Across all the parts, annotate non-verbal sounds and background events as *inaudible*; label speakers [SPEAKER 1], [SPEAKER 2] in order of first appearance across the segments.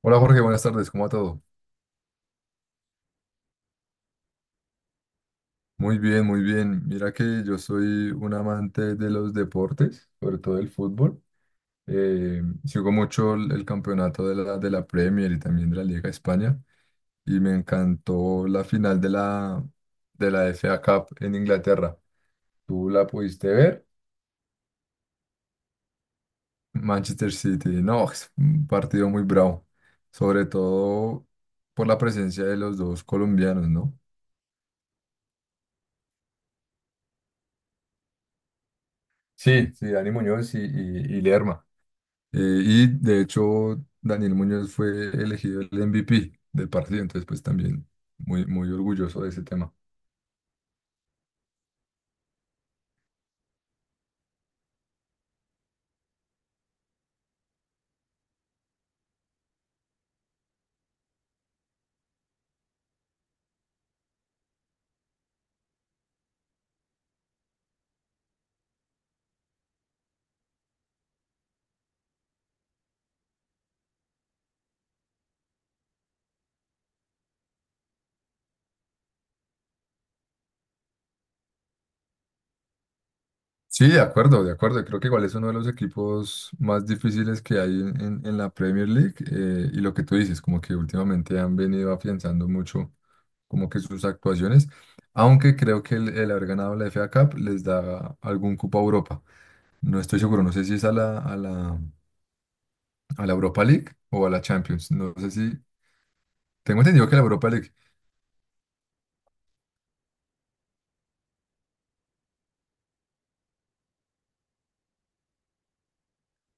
[SPEAKER 1] Hola Jorge, buenas tardes, ¿cómo va todo? Muy bien, muy bien. Mira que yo soy un amante de los deportes, sobre todo el fútbol. Sigo mucho el campeonato de la Premier y también de la Liga de España y me encantó la final de la FA Cup en Inglaterra. ¿Tú la pudiste ver? Manchester City, no, es un partido muy bravo, sobre todo por la presencia de los dos colombianos, ¿no? Sí, sí, Dani Muñoz y Lerma. Eh, y de hecho, Daniel Muñoz fue elegido el MVP del partido, entonces pues también muy, muy orgulloso de ese tema. Sí, de acuerdo, de acuerdo. Creo que igual es uno de los equipos más difíciles que hay en la Premier League. Y lo que tú dices, como que últimamente han venido afianzando mucho como que sus actuaciones, aunque creo que el haber ganado la FA Cup les da algún cupo a Europa. No estoy seguro, no sé si es a a la Europa League o a la Champions. No sé si... Tengo entendido que la Europa League.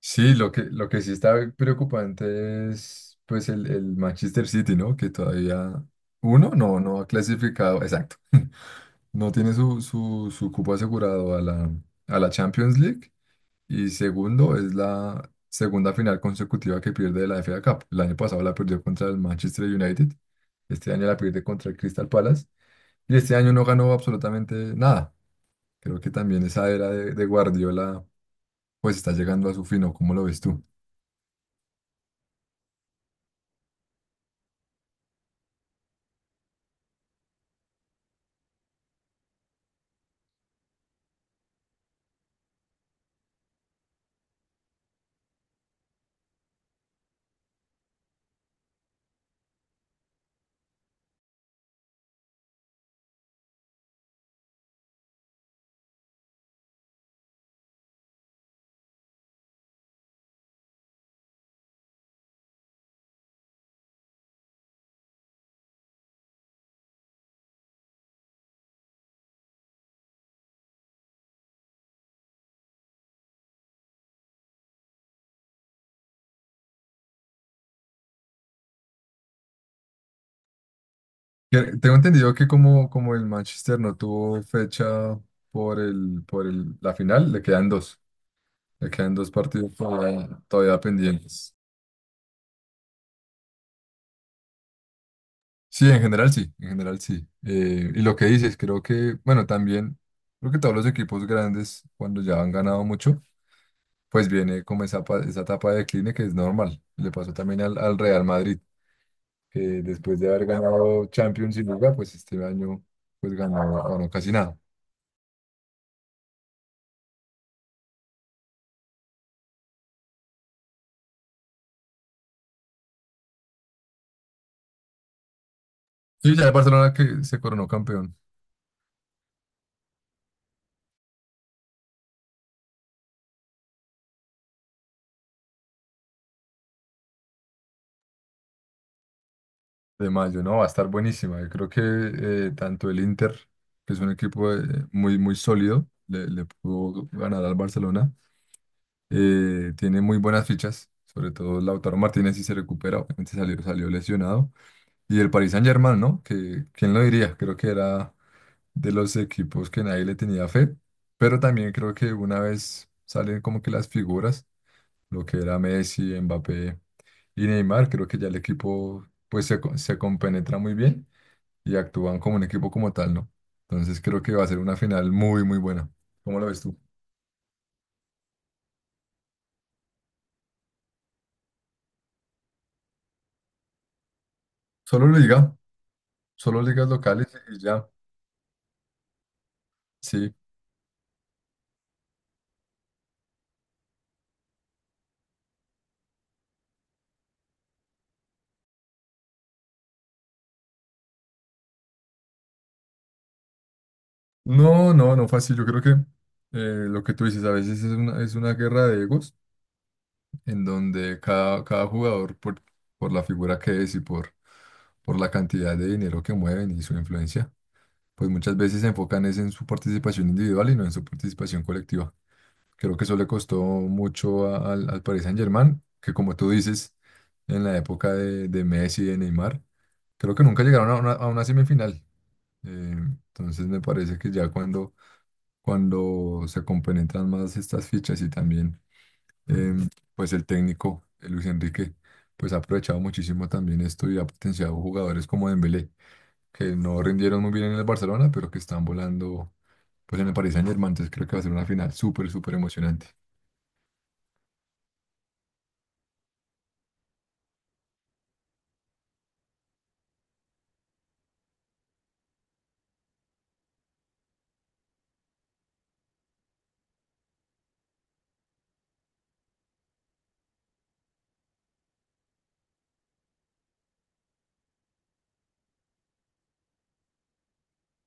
[SPEAKER 1] Sí, lo que sí está preocupante es pues el Manchester City, ¿no? Que todavía uno no, no ha clasificado, exacto. *laughs* No tiene su cupo asegurado a la Champions League. Y segundo, es la segunda final consecutiva que pierde de la FA Cup. El año pasado la perdió contra el Manchester United. Este año la pierde contra el Crystal Palace. Y este año no ganó absolutamente nada. Creo que también esa era de Guardiola pues está llegando a su fin, ¿o ¿cómo lo ves tú? Tengo entendido que como el Manchester no tuvo fecha por la final, le quedan dos. Le quedan dos partidos todavía, todavía pendientes. Sí, en general sí, en general sí. Y lo que dices, creo que, bueno, también, creo que todos los equipos grandes, cuando ya han ganado mucho, pues viene como esa etapa de decline que es normal. Le pasó también al Real Madrid, que después de haber ganado Champions y Liga, pues este año pues ganó casi nada. Sí, ya el Barcelona que se coronó campeón. De mayo, ¿no? Va a estar buenísima. Yo creo que tanto el Inter, que es un equipo muy, muy sólido, le pudo ganar al Barcelona. Tiene muy buenas fichas, sobre todo Lautaro Martínez si se recupera, obviamente salió lesionado. Y el Paris Saint-Germain, ¿no? Que, ¿quién lo diría? Creo que era de los equipos que nadie le tenía fe, pero también creo que una vez salen como que las figuras, lo que era Messi, Mbappé y Neymar, creo que ya el equipo pues se compenetra muy bien y actúan como un equipo como tal, ¿no? Entonces creo que va a ser una final muy, muy buena. ¿Cómo lo ves tú? Solo liga, solo ligas locales y ya, sí. No, no, no fácil. Yo creo que lo que tú dices a veces es una guerra de egos en donde cada jugador, por la figura que es y por la cantidad de dinero que mueven y su influencia, pues muchas veces se enfocan es en su participación individual y no en su participación colectiva. Creo que eso le costó mucho al Paris Saint-Germain, que como tú dices, en la época de Messi y de Neymar, creo que nunca llegaron a una semifinal. Eh, entonces me parece que ya cuando se compenetran más estas fichas y también em, pues el técnico, Luis Enrique, pues ha aprovechado muchísimo también esto y ha potenciado jugadores como Dembélé, que no rindieron muy bien en el Barcelona, pero que están volando pues en el Paris Saint-Germain, entonces creo que va a ser una final súper, súper emocionante.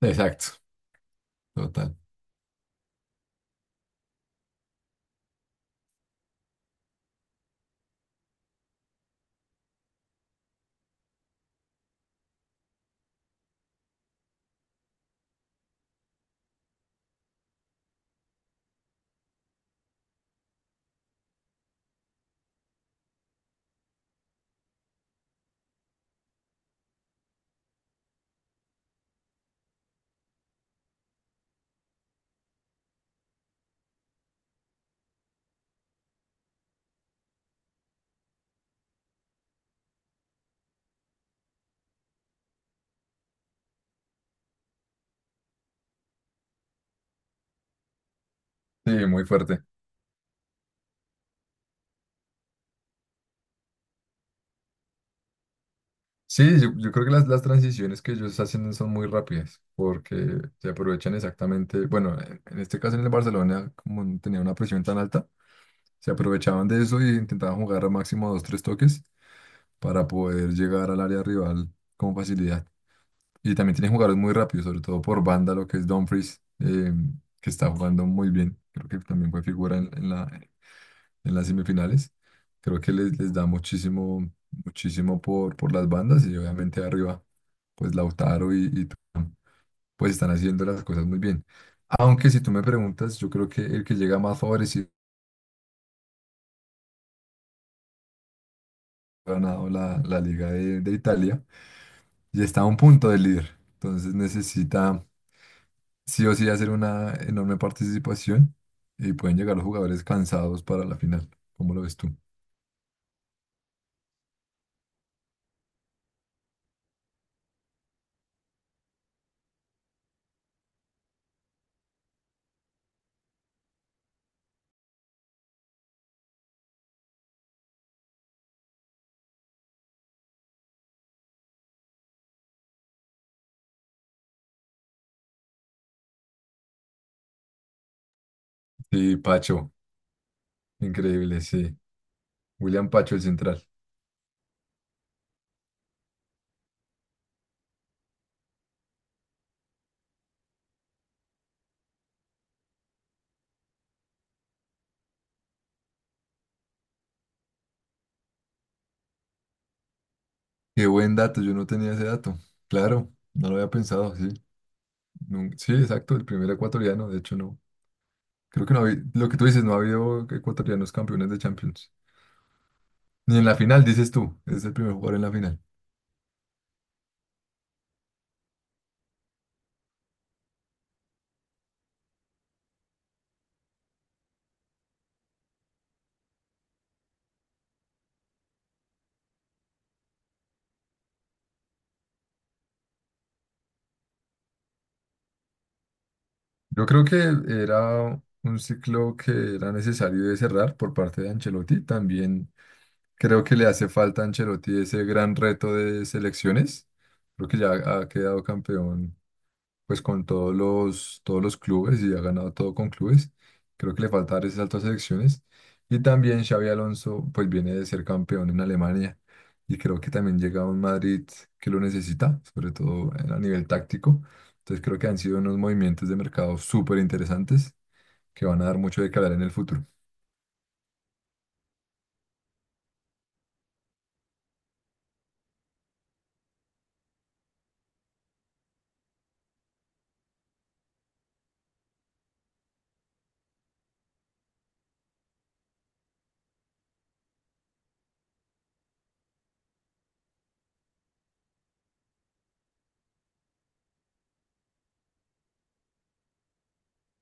[SPEAKER 1] Exacto, total. Sí, muy fuerte. Sí, yo creo que las transiciones que ellos hacen son muy rápidas, porque se aprovechan exactamente, bueno, en este caso en el Barcelona, como no tenía una presión tan alta, se aprovechaban de eso y intentaban jugar a máximo dos, tres toques para poder llegar al área rival con facilidad. Y también tienen jugadores muy rápidos, sobre todo por banda, lo que es Dumfries, que está jugando muy bien. Creo que también fue figura en la en las semifinales. Creo que les da muchísimo, muchísimo por las bandas y obviamente arriba, pues Lautaro y tú, pues están haciendo las cosas muy bien. Aunque si tú me preguntas, yo creo que el que llega más favorecido ha ganado la Liga de Italia y está a un punto del líder. Entonces necesita sí o sí hacer una enorme participación y pueden llegar los jugadores cansados para la final. ¿Cómo lo ves tú? Sí, Pacho, increíble, sí. William Pacho, el central. Qué buen dato, yo no tenía ese dato. Claro, no lo había pensado, sí. Sí, exacto, el primer ecuatoriano, de hecho no. Creo que no había, lo que tú dices, no ha habido ecuatorianos campeones de Champions. Ni en la final, dices tú, es el primer jugador en la final. Yo creo que era un ciclo que era necesario de cerrar por parte de Ancelotti. También creo que le hace falta a Ancelotti ese gran reto de selecciones. Creo que ya ha quedado campeón pues con todos los clubes y ha ganado todo con clubes. Creo que le falta dar ese salto a selecciones. Y también Xavi Alonso, pues viene de ser campeón en Alemania y creo que también llega a un Madrid que lo necesita, sobre todo a nivel táctico. Entonces creo que han sido unos movimientos de mercado súper interesantes que van a dar mucho de que hablar en el futuro.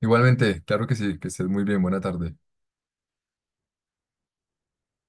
[SPEAKER 1] Igualmente, claro que sí, que estés muy bien, buena tarde.